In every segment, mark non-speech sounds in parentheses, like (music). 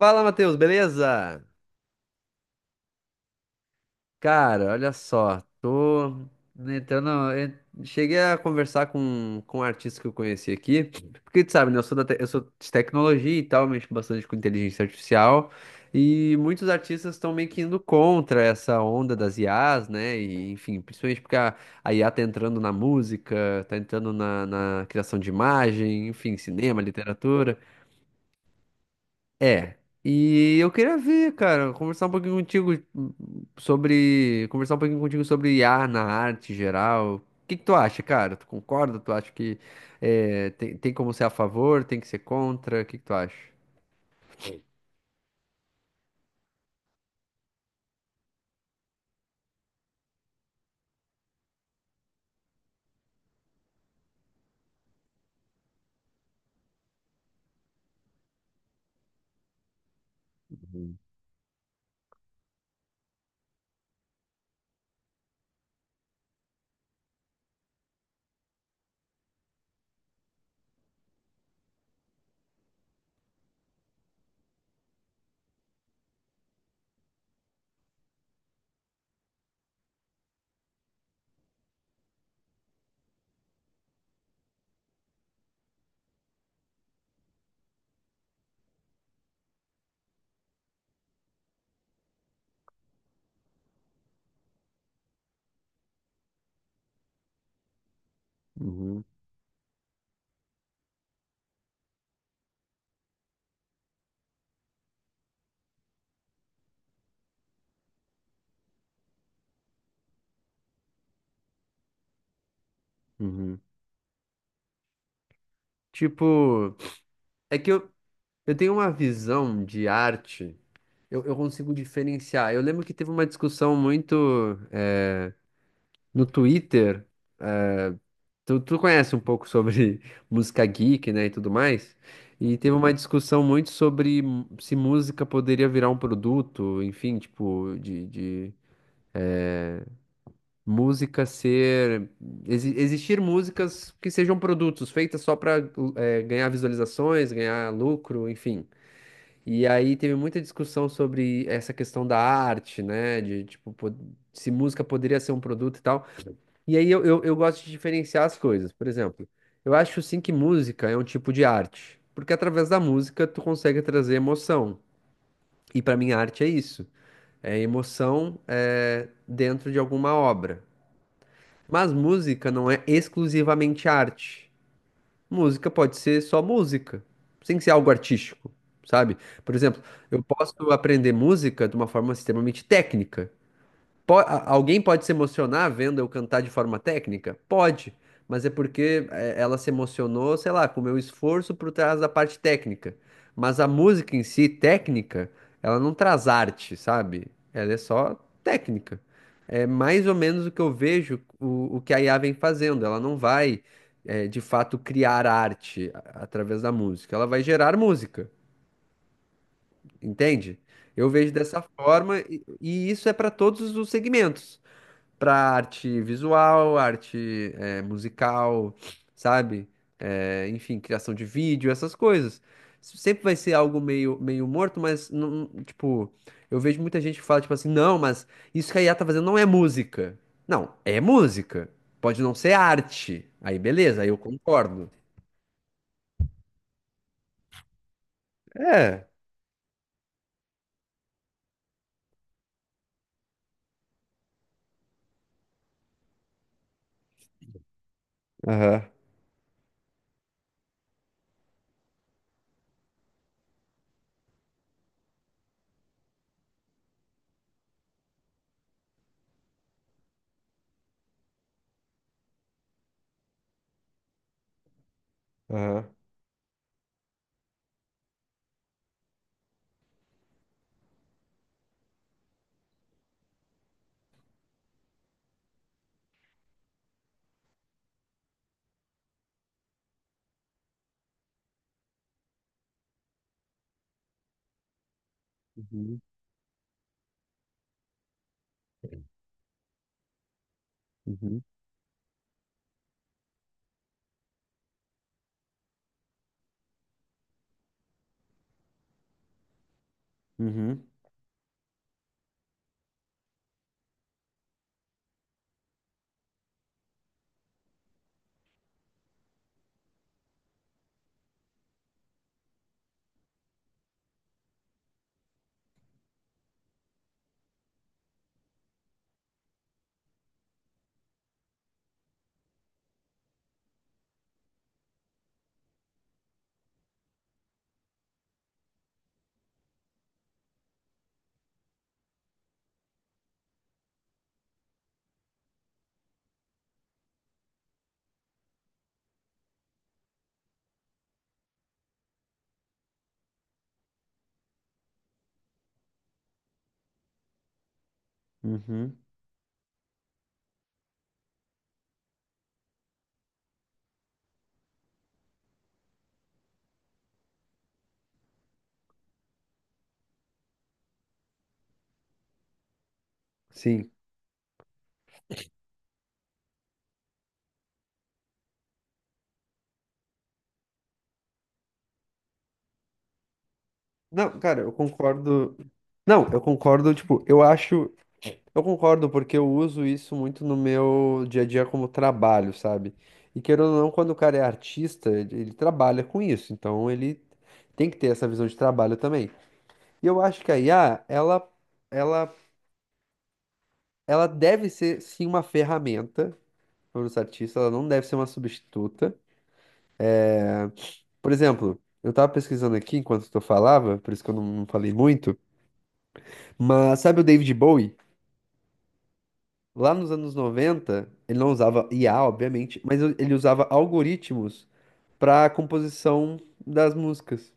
Fala, Matheus, beleza? Cara, olha só, tô entrando. en- Cheguei a conversar com um artista que eu conheci aqui, porque tu sabe, né? Eu sou de tecnologia e tal, mexo bastante com inteligência artificial, e muitos artistas estão meio que indo contra essa onda das IAs, né? E, enfim, principalmente porque a IA tá entrando na música, tá entrando na criação de imagem, enfim, cinema, literatura. É. E eu queria ver, cara, conversar um pouquinho contigo conversar um pouquinho contigo sobre I a na arte geral. O que que tu acha, cara? Tu concorda? Tu acha que tem como ser a favor, tem que ser contra? O que que tu acha? Uhum, uhum, uhum. Tipo, é que eu, eu tenho uma visão de arte, eu consigo diferenciar. Eu lembro que teve uma discussão muito no Twitter. Tu, tu conhece um pouco sobre (laughs) música geek, né, e tudo mais? E teve uma. Uhum. Discussão muito sobre se música poderia virar um produto, enfim, tipo, de música ser. Exi- existir músicas que sejam produtos, feitas só para ganhar visualizações, ganhar lucro, enfim. E aí teve muita discussão sobre essa questão da arte, né, de tipo, se música poderia ser um produto e tal. E aí eu gosto de diferenciar as coisas. Por exemplo, eu acho sim que música é um tipo de arte, porque através da música tu consegue trazer emoção. E para mim arte é isso, é emoção dentro de alguma obra. Mas música não é exclusivamente arte. Música pode ser só música, sem ser algo artístico, sabe? Por exemplo, eu posso aprender música de uma forma extremamente técnica. Alguém pode se emocionar vendo eu cantar de forma técnica? Pode, mas é porque ela se emocionou, sei lá, com o meu esforço por trás da parte técnica. Mas a música em si, técnica, ela não traz arte, sabe? Ela é só técnica. É mais ou menos o que eu vejo o que a IA vem fazendo. Ela não vai, É, de fato, criar arte através da música. Ela vai gerar música, entende? Eu vejo dessa forma e isso é para todos os segmentos, para arte visual, arte musical, sabe? Enfim, criação de vídeo, essas coisas. Sempre vai ser algo meio morto, mas, não, tipo, eu vejo muita gente que fala, tipo assim, não, mas isso que a IA tá fazendo não é música. Não, é música. Pode não ser arte. Aí, beleza, aí eu concordo. É, aham, aham. Uhum, uhum, uhum, uhum. Sim. Não, cara, eu concordo. Não, eu concordo, tipo, eu acho. Eu concordo, porque eu uso isso muito no meu dia a dia como trabalho, sabe? E querendo ou não, quando o cara é artista, ele trabalha com isso, então ele tem que ter essa visão de trabalho também. E eu acho que a IA, ela, ela deve ser sim uma ferramenta para os artistas, ela não deve ser uma substituta. Por exemplo, eu tava pesquisando aqui enquanto tu falava, por isso que eu não falei muito, mas sabe o David Bowie? Lá nos anos 90 ele não usava IA, obviamente, mas ele usava algoritmos para a composição das músicas.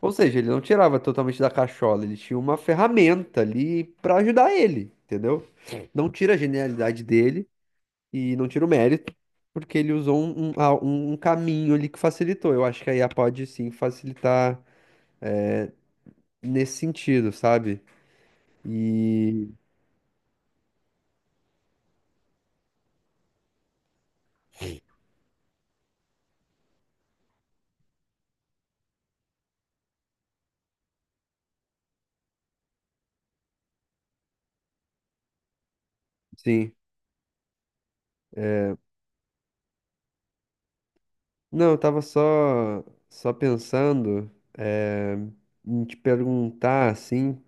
Ou seja, ele não tirava totalmente da cachola, ele tinha uma ferramenta ali para ajudar ele, entendeu? Não tira a genialidade dele e não tira o mérito, porque ele usou um caminho ali que facilitou. Eu acho que a IA pode sim facilitar nesse sentido, sabe? E sim. Não, eu tava só pensando eh, em te perguntar assim,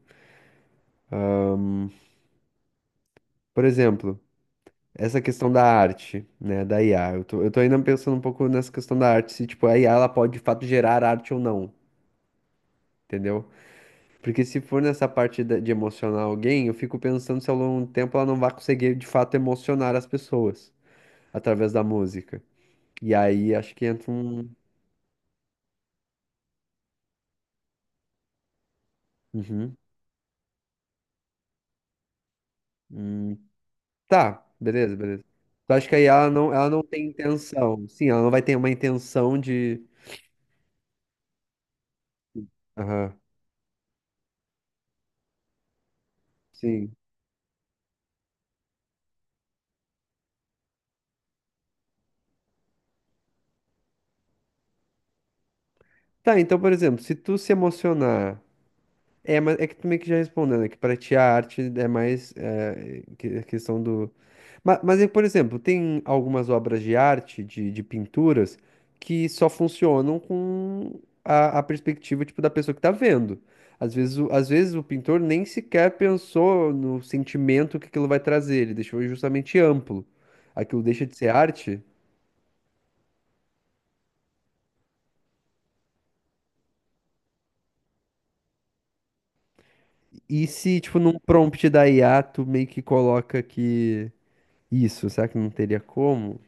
por exemplo. Essa questão da arte, né, da IA. Eu tô ainda pensando um pouco nessa questão da arte, se, tipo, a IA, ela pode, de fato, gerar arte ou não, entendeu? Porque se for nessa parte de emocionar alguém, eu fico pensando se ao longo do tempo ela não vai conseguir, de fato, emocionar as pessoas através da música. E aí, acho que entra um... Uhum. Hum. Tá, beleza, beleza. Eu acho que a IA, ela não tem intenção. Sim, ela não vai ter uma intenção de... Aham, sim. Tá, então, por exemplo, se tu se emocionar. É, mas é que também que já respondendo, é que pra ti a arte é mais a questão do. Mas é, por exemplo, tem algumas obras de arte, de pinturas, que só funcionam com a perspectiva tipo, da pessoa que tá vendo. Às vezes, às vezes o pintor nem sequer pensou no sentimento que aquilo vai trazer, ele deixou justamente amplo. Aquilo deixa de ser arte. E se, tipo, num prompt da IA, tu meio que coloca que isso, será que não teria como?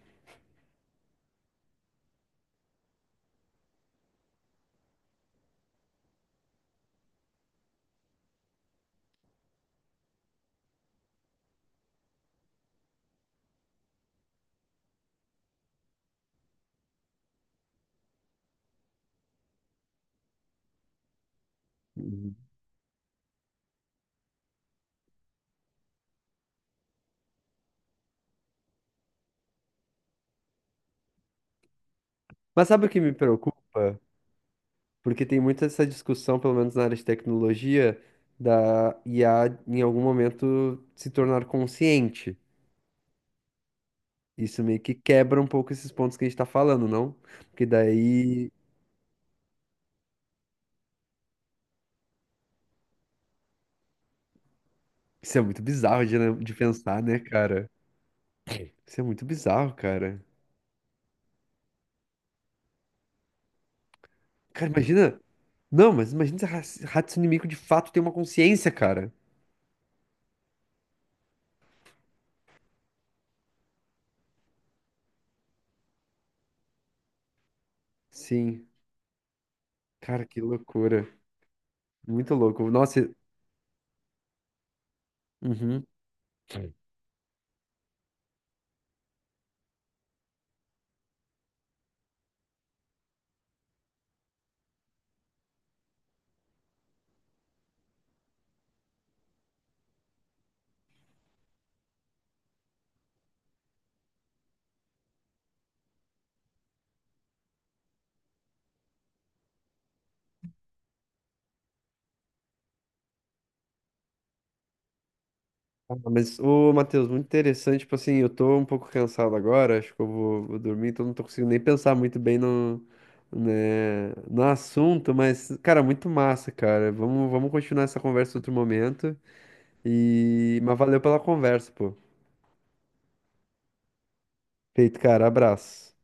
Mas sabe o que me preocupa? Porque tem muito essa discussão, pelo menos na área de tecnologia, da IA em algum momento se tornar consciente. Isso meio que quebra um pouco esses pontos que a gente tá falando, não? Porque daí. Isso é muito bizarro de, de pensar, né, cara? Isso é muito bizarro, cara. Cara, imagina. Não, mas imagina se a raça inimigo de fato tem uma consciência, cara. Sim. Cara, que loucura. Muito louco. Nossa. Uhum. Ah, mas, ô, Matheus, muito interessante. Tipo assim, eu tô um pouco cansado agora, acho que vou dormir, então não tô conseguindo nem pensar muito bem no, né, no assunto, mas, cara, muito massa, cara. Vamos continuar essa conversa em outro momento. E, mas valeu pela conversa, pô. Feito, cara. Abraço.